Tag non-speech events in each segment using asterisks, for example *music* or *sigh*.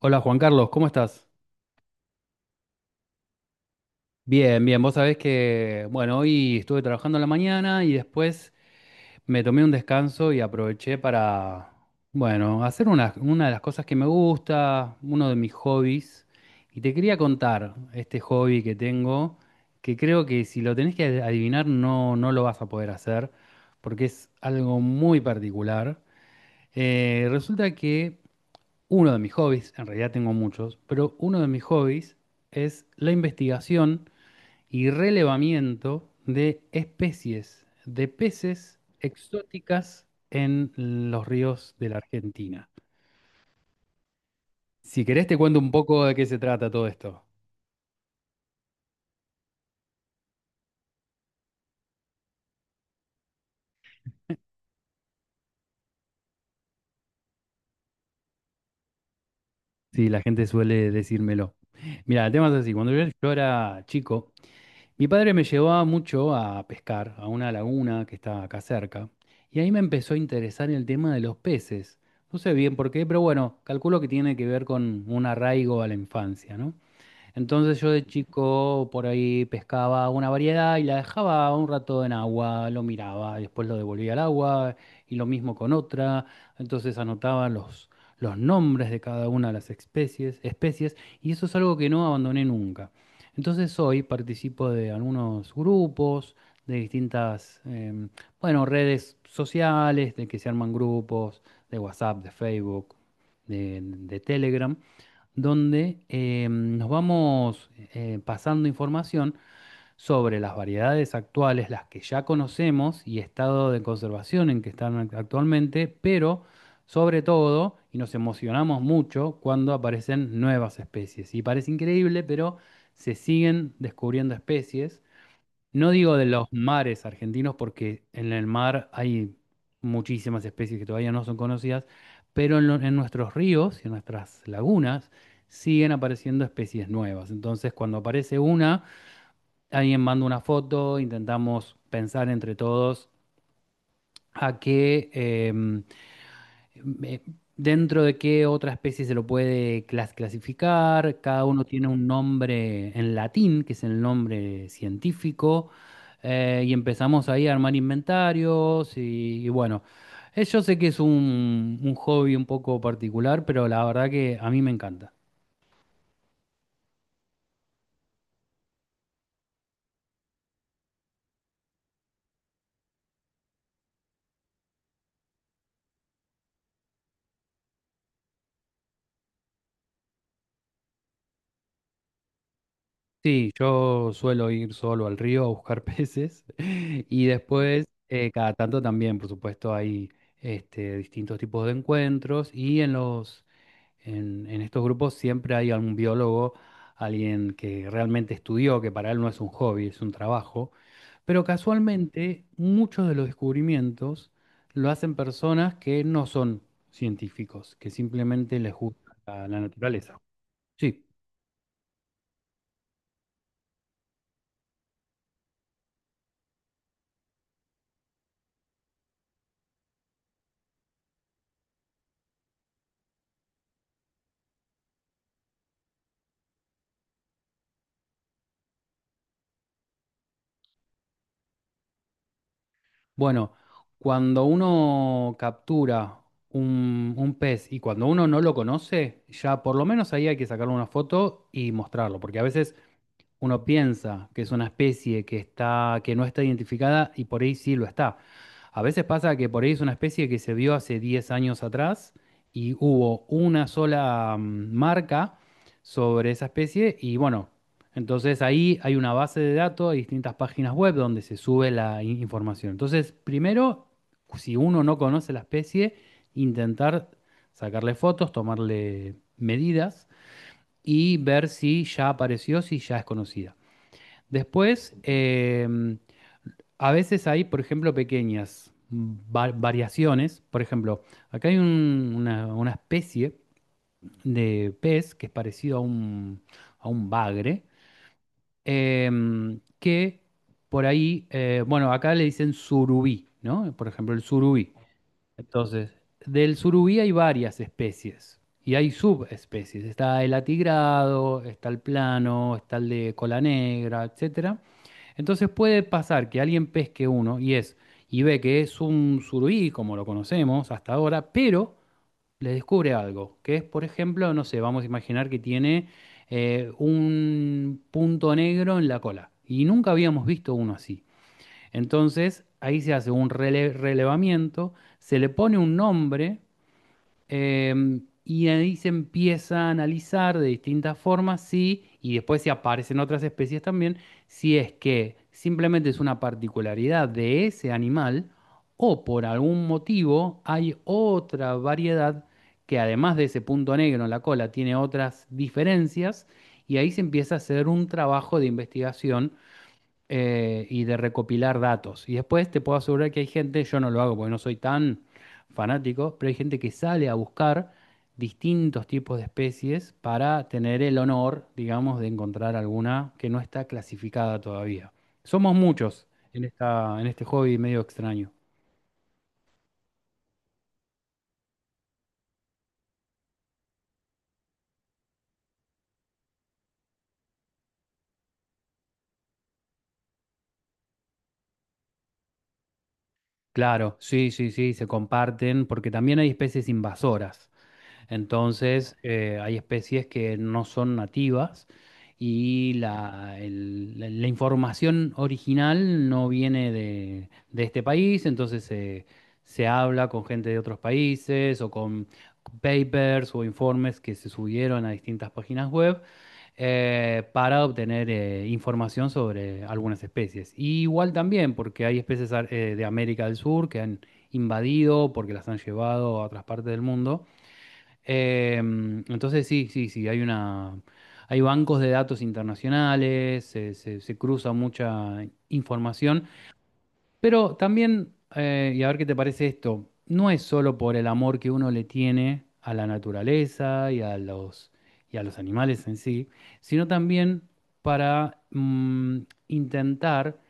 Hola Juan Carlos, ¿cómo estás? Bien, bien, vos sabés que, bueno, hoy estuve trabajando en la mañana y después me tomé un descanso y aproveché para, bueno, hacer una de las cosas que me gusta, uno de mis hobbies. Y te quería contar este hobby que tengo, que creo que si lo tenés que adivinar no lo vas a poder hacer, porque es algo muy particular. Resulta que uno de mis hobbies, en realidad tengo muchos, pero uno de mis hobbies es la investigación y relevamiento de especies de peces exóticas en los ríos de la Argentina. Si querés te cuento un poco de qué se trata todo esto. Sí, la gente suele decírmelo. Mira, el tema es así. Cuando yo era chico, mi padre me llevaba mucho a pescar a una laguna que está acá cerca y ahí me empezó a interesar el tema de los peces. No sé bien por qué, pero bueno, calculo que tiene que ver con un arraigo a la infancia, ¿no? Entonces yo de chico por ahí pescaba una variedad y la dejaba un rato en agua, lo miraba, después lo devolvía al agua y lo mismo con otra. Entonces anotaba los nombres de cada una de las especies, especies y eso es algo que no abandoné nunca. Entonces hoy participo de algunos grupos, de distintas, bueno, redes sociales, de que se arman grupos, de WhatsApp, de Facebook, de Telegram donde nos vamos pasando información sobre las variedades actuales, las que ya conocemos y estado de conservación en que están actualmente, pero sobre todo, y nos emocionamos mucho cuando aparecen nuevas especies. Y parece increíble, pero se siguen descubriendo especies. No digo de los mares argentinos porque en el mar hay muchísimas especies que todavía no son conocidas, pero en nuestros ríos y en nuestras lagunas siguen apareciendo especies nuevas. Entonces, cuando aparece una, alguien manda una foto, intentamos pensar entre todos a qué, eh, dentro de qué otra especie se lo puede clasificar. Cada uno tiene un nombre en latín, que es el nombre científico, y empezamos ahí a armar inventarios y bueno, yo sé que es un hobby un poco particular, pero la verdad que a mí me encanta. Sí, yo suelo ir solo al río a buscar peces *laughs* y después, cada tanto también, por supuesto, hay este, distintos tipos de encuentros y en estos grupos siempre hay algún biólogo, alguien que realmente estudió, que para él no es un hobby, es un trabajo. Pero casualmente muchos de los descubrimientos lo hacen personas que no son científicos, que simplemente les gusta la naturaleza. Sí, bueno, cuando uno captura un pez y cuando uno no lo conoce, ya por lo menos ahí hay que sacarle una foto y mostrarlo, porque a veces uno piensa que es una especie que está, que no está identificada y por ahí sí lo está. A veces pasa que por ahí es una especie que se vio hace 10 años atrás y hubo una sola marca sobre esa especie y bueno, entonces ahí hay una base de datos, hay distintas páginas web donde se sube la información. Entonces, primero, si uno no conoce la especie, intentar sacarle fotos, tomarle medidas y ver si ya apareció, si ya es conocida. Después, a veces hay, por ejemplo, pequeñas variaciones. Por ejemplo, acá hay una especie de pez que es parecido a a un bagre, que por ahí, bueno, acá le dicen surubí, ¿no? Por ejemplo, el surubí. Entonces, del surubí hay varias especies y hay subespecies. Está el atigrado, está el plano, está el de cola negra, etcétera. Entonces puede pasar que alguien pesque uno y es y ve que es un surubí, como lo conocemos hasta ahora, pero le descubre algo, que es, por ejemplo, no sé, vamos a imaginar que tiene un punto negro en la cola. Y nunca habíamos visto uno así. Entonces, ahí se hace un relevamiento, se le pone un nombre. Y ahí se empieza a analizar de distintas formas, sí, y después se aparecen otras especies también, si es que simplemente es una particularidad de ese animal o por algún motivo hay otra variedad que además de ese punto negro en la cola tiene otras diferencias, y ahí se empieza a hacer un trabajo de investigación y de recopilar datos. Y después te puedo asegurar que hay gente, yo no lo hago porque no soy tan fanático, pero hay gente que sale a buscar distintos tipos de especies para tener el honor, digamos, de encontrar alguna que no está clasificada todavía. Somos muchos en en este hobby medio extraño. Claro, sí, sí, sí, se comparten porque también hay especies invasoras. Entonces, hay especies que no son nativas y la información original no viene de este país, entonces se se habla con gente de otros países o con papers o informes que se subieron a distintas páginas web, para obtener información sobre algunas especies. Y igual también, porque hay especies de América del Sur que han invadido, porque las han llevado a otras partes del mundo. Entonces sí, sí, sí, hay una, hay bancos de datos internacionales, se cruza mucha información, pero también, y a ver qué te parece esto, no es solo por el amor que uno le tiene a la naturaleza y a y a los animales en sí, sino también para intentar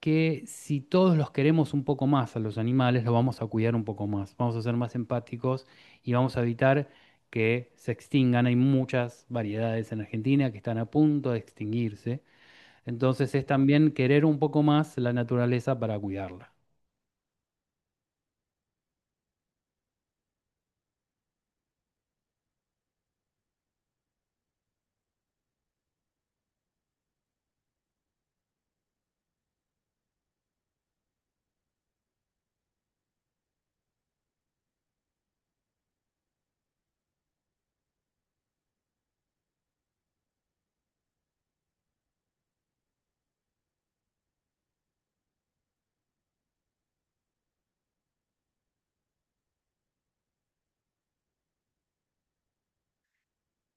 que si todos los queremos un poco más a los animales, los vamos a cuidar un poco más, vamos a ser más empáticos y vamos a evitar que se extingan. Hay muchas variedades en Argentina que están a punto de extinguirse, entonces es también querer un poco más la naturaleza para cuidarla.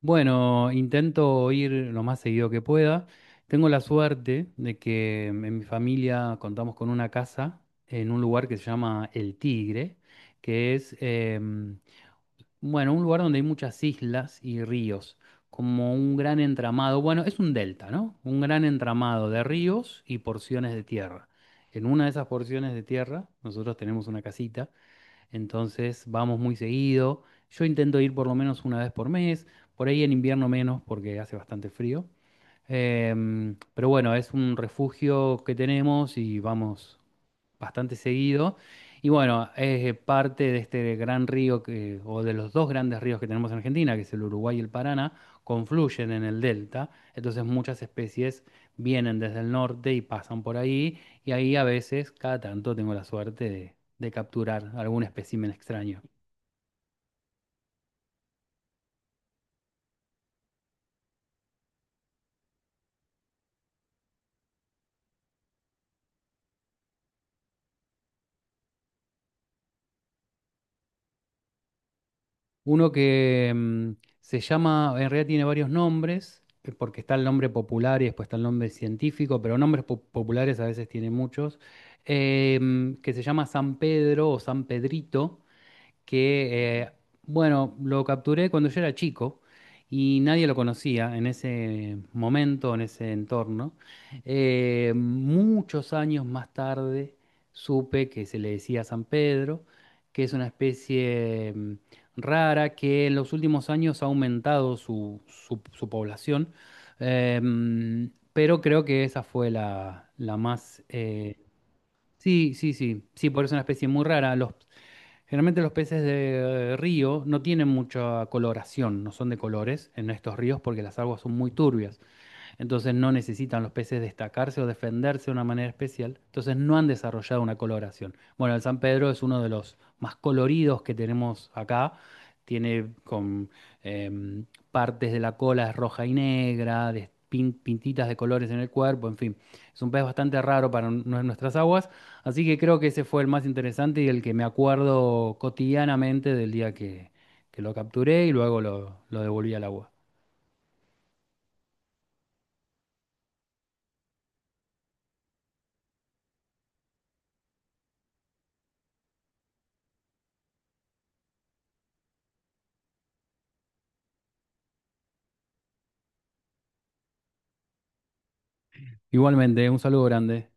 Bueno, intento ir lo más seguido que pueda. Tengo la suerte de que en mi familia contamos con una casa en un lugar que se llama El Tigre, que es, bueno, un lugar donde hay muchas islas y ríos, como un gran entramado, bueno, es un delta, ¿no? Un gran entramado de ríos y porciones de tierra. En una de esas porciones de tierra, nosotros tenemos una casita, entonces vamos muy seguido. Yo intento ir por lo menos 1 vez por mes, por ahí en invierno menos porque hace bastante frío. Pero bueno, es un refugio que tenemos y vamos bastante seguido. Y bueno, es parte de este gran río que, o de los dos grandes ríos que tenemos en Argentina, que es el Uruguay y el Paraná, confluyen en el delta. Entonces muchas especies vienen desde el norte y pasan por ahí. Y ahí a veces, cada tanto, tengo la suerte de capturar algún espécimen extraño. Uno que se llama, en realidad tiene varios nombres, porque está el nombre popular y después está el nombre científico, pero nombres populares a veces tiene muchos, que se llama San Pedro o San Pedrito, que, bueno, lo capturé cuando yo era chico y nadie lo conocía en ese momento, en ese entorno. Muchos años más tarde supe que se le decía San Pedro, que es una especie rara que en los últimos años ha aumentado su población. Pero creo que esa fue la más... sí, sí, sí, sí, por eso es una especie muy rara. Los Generalmente los peces de río no tienen mucha coloración, no son de colores en estos ríos porque las aguas son muy turbias. Entonces no necesitan los peces destacarse o defenderse de una manera especial. Entonces no han desarrollado una coloración. Bueno, el San Pedro es uno de los más coloridos que tenemos acá. Tiene con em, partes de la cola roja y negra, de pintitas de colores en el cuerpo, en fin. Es un pez bastante raro para nuestras aguas. Así que creo que ese fue el más interesante y el que me acuerdo cotidianamente del día que lo capturé y luego lo devolví al agua. Igualmente, un saludo grande.